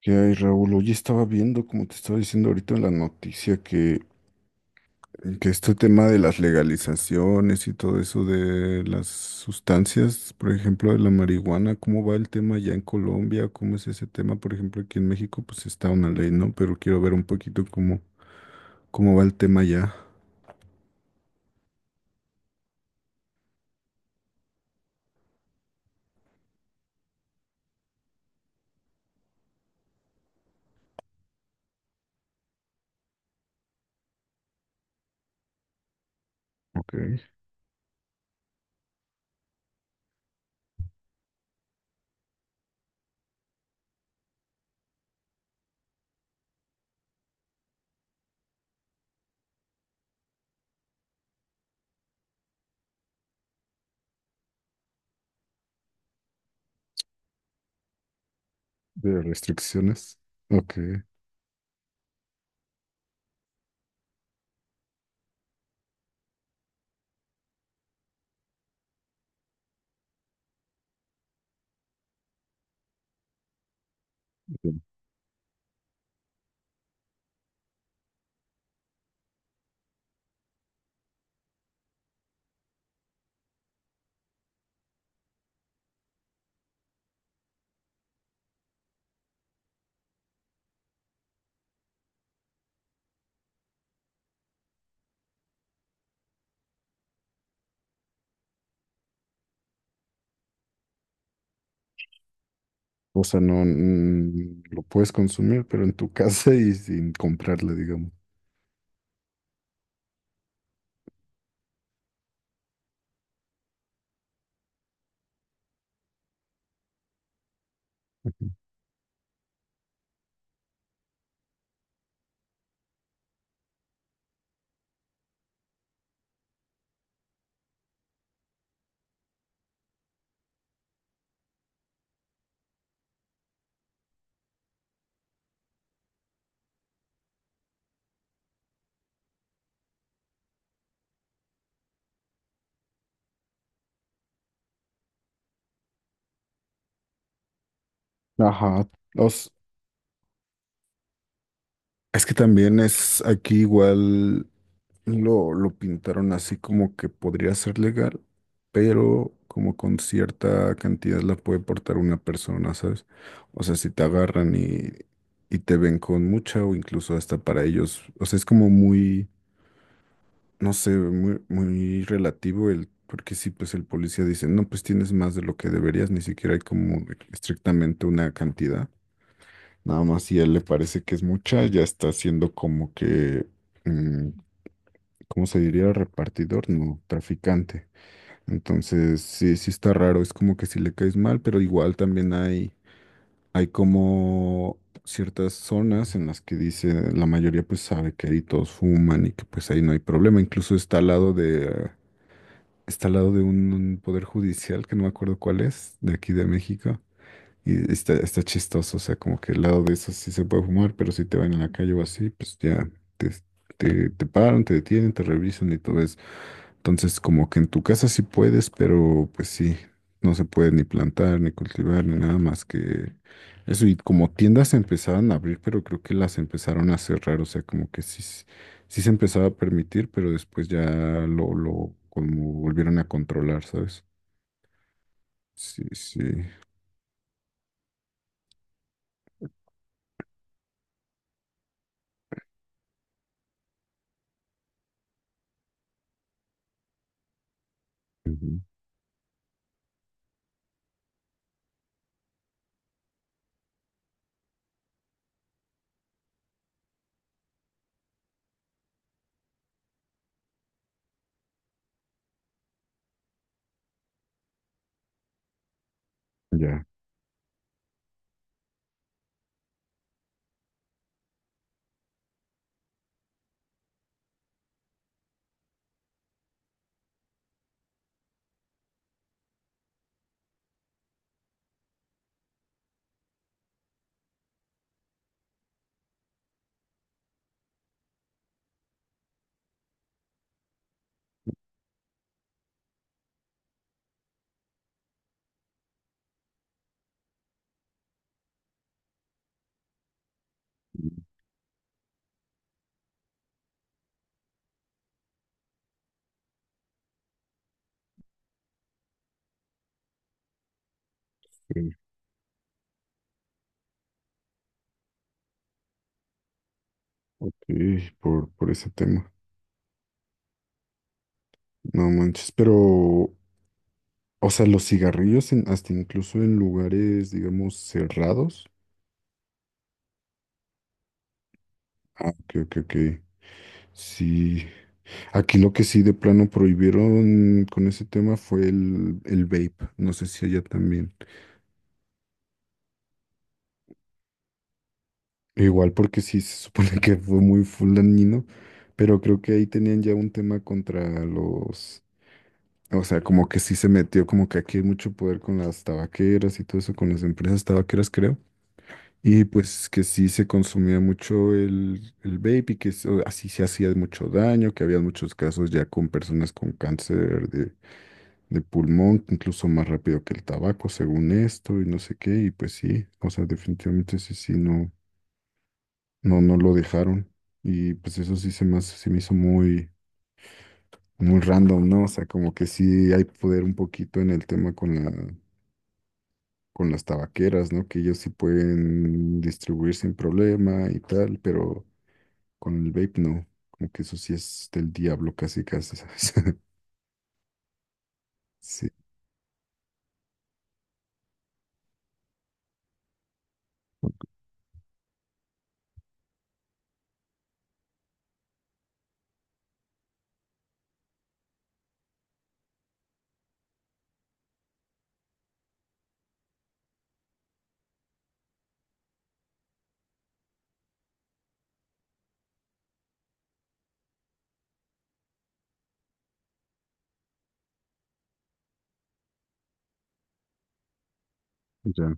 ¿Qué hay, Raúl? Oye, estaba viendo, como te estaba diciendo ahorita en la noticia, que este tema de las legalizaciones y todo eso de las sustancias, por ejemplo, de la marihuana, ¿cómo va el tema ya en Colombia? ¿Cómo es ese tema? Por ejemplo, aquí en México, pues está una ley, ¿no? Pero quiero ver un poquito cómo va el tema ya. Ok, de restricciones. Ok. de- O sea, no lo puedes consumir, pero en tu casa y sin comprarla, digamos. Ajá. O s- Es que también es aquí igual lo pintaron así como que podría ser legal, pero como con cierta cantidad la puede portar una persona, ¿sabes? O sea, si te agarran y te ven con mucha o incluso hasta para ellos, o sea, es como muy, no sé, muy relativo el, porque sí, pues el policía dice, no, pues tienes más de lo que deberías, ni siquiera hay como estrictamente una cantidad. Nada más si a él le parece que es mucha, ya está siendo como que, mm, ¿cómo se diría? Repartidor, no, traficante. Entonces, sí está raro, es como que si le caes mal, pero igual también hay como ciertas zonas en las que dice, la mayoría pues sabe que ahí todos fuman y que pues ahí no hay problema. Incluso está al lado de un poder judicial, que no me acuerdo cuál es, de aquí de México. Y está chistoso, o sea, como que el lado de eso sí se puede fumar, pero si te van en la calle o así, pues ya te, te paran, te detienen, te revisan y todo eso. Entonces, como que en tu casa sí puedes, pero pues sí, no se puede ni plantar, ni cultivar, ni nada más que eso. Y como tiendas se empezaron a abrir, pero creo que las empezaron a cerrar, o sea, como que sí, sí se empezaba a permitir, pero después ya lo como volvieron a controlar, ¿sabes? Sí, sí. Ujú. Ya. Sí. Ok, por ese tema. No manches, pero los cigarrillos hasta incluso en lugares, digamos, cerrados. Ah, ok, ok, ok. Sí, aquí lo que sí de plano prohibieron con ese tema fue el vape. No sé si allá también. Igual porque sí se supone que fue muy full dañino, pero creo que ahí tenían ya un tema contra los, o sea, como que sí se metió como que aquí hay mucho poder con las tabaqueras y todo eso, con las empresas tabaqueras, creo. Y pues que sí se consumía mucho el vape y que así se hacía mucho daño, que había muchos casos ya con personas con cáncer de pulmón, incluso más rápido que el tabaco, según esto, y no sé qué, y pues sí, o sea, definitivamente sí, sí, no, no, no lo dejaron. Y pues eso sí se me hizo muy, muy random, ¿no? O sea, como que sí hay poder un poquito en el tema con la, con las tabaqueras, ¿no? Que ellos sí pueden distribuir sin problema y tal, pero con el vape no, como que eso sí es del diablo casi casi, ¿sabes? Sí. Ok. Ya,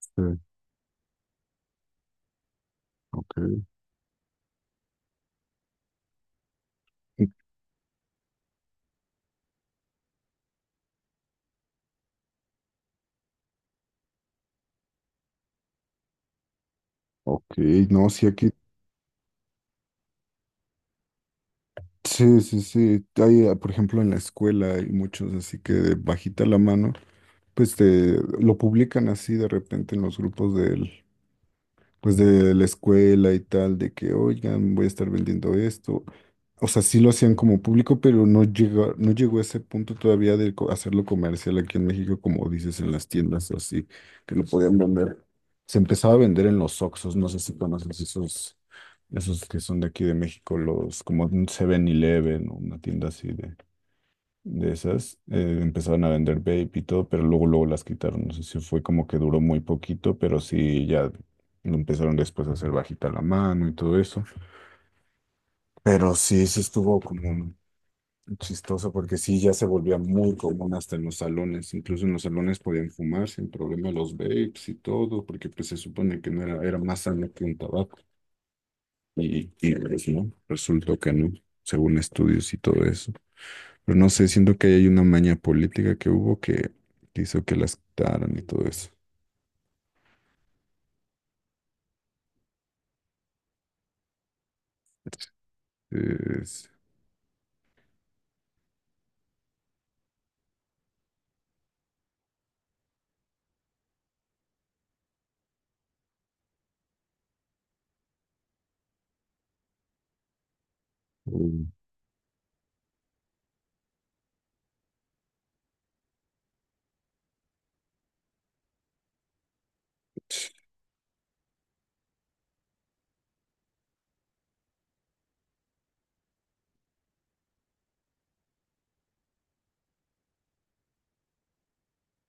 este, ok, ok, no, sí aquí, sí, sí, sí, hay, ah, por ejemplo, en la escuela hay muchos así que de bajita la mano, pues te, lo publican así de repente en los grupos del, pues de la escuela y tal, de que, oigan, voy a estar vendiendo esto. O sea, sí lo hacían como público, pero no llegó a ese punto todavía de hacerlo comercial aquí en México, como dices, en las tiendas o así, que lo podían vender. Se empezaba a vender en los Oxxos, no sé si conoces esos, esos que son de aquí de México, los como un 7-Eleven o una tienda así de esas. Empezaban a vender vape y todo, pero luego las quitaron. No sé si fue como que duró muy poquito, pero sí ya lo empezaron después a hacer bajita la mano y todo eso. Pero sí, sí estuvo como chistoso porque sí, ya se volvía muy común hasta en los salones. Incluso en los salones podían fumar sin problema los vapes y todo, porque pues se supone que no era más sano que un tabaco. Y pues no, resultó que no, según estudios y todo eso. Pero no sé, siento que hay una maña política que que hizo que las quitaran y todo eso. Es- Mm.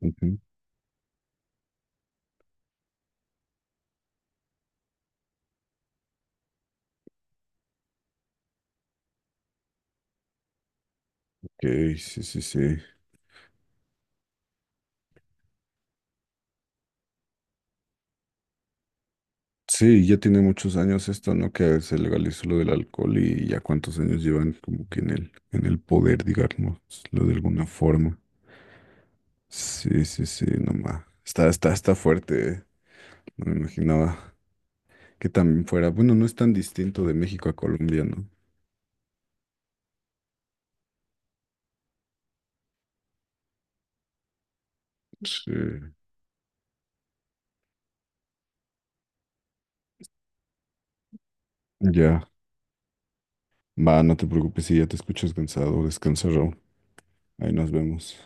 Ujú. Ok, sí, sí, sí. Sí, ya tiene muchos años esto, ¿no? Que se legalizó lo del alcohol y ya cuántos años llevan como que en en el poder, digamos, lo de alguna forma. Sí, sí, sí, nomás. Está fuerte, ¿eh? No me imaginaba que también fuera. Bueno, no es tan distinto de México a Colombia, ¿no? Sí. Ya. Va, no te preocupes si ya te escuchas cansado. Descansa, Raúl. Ahí nos vemos.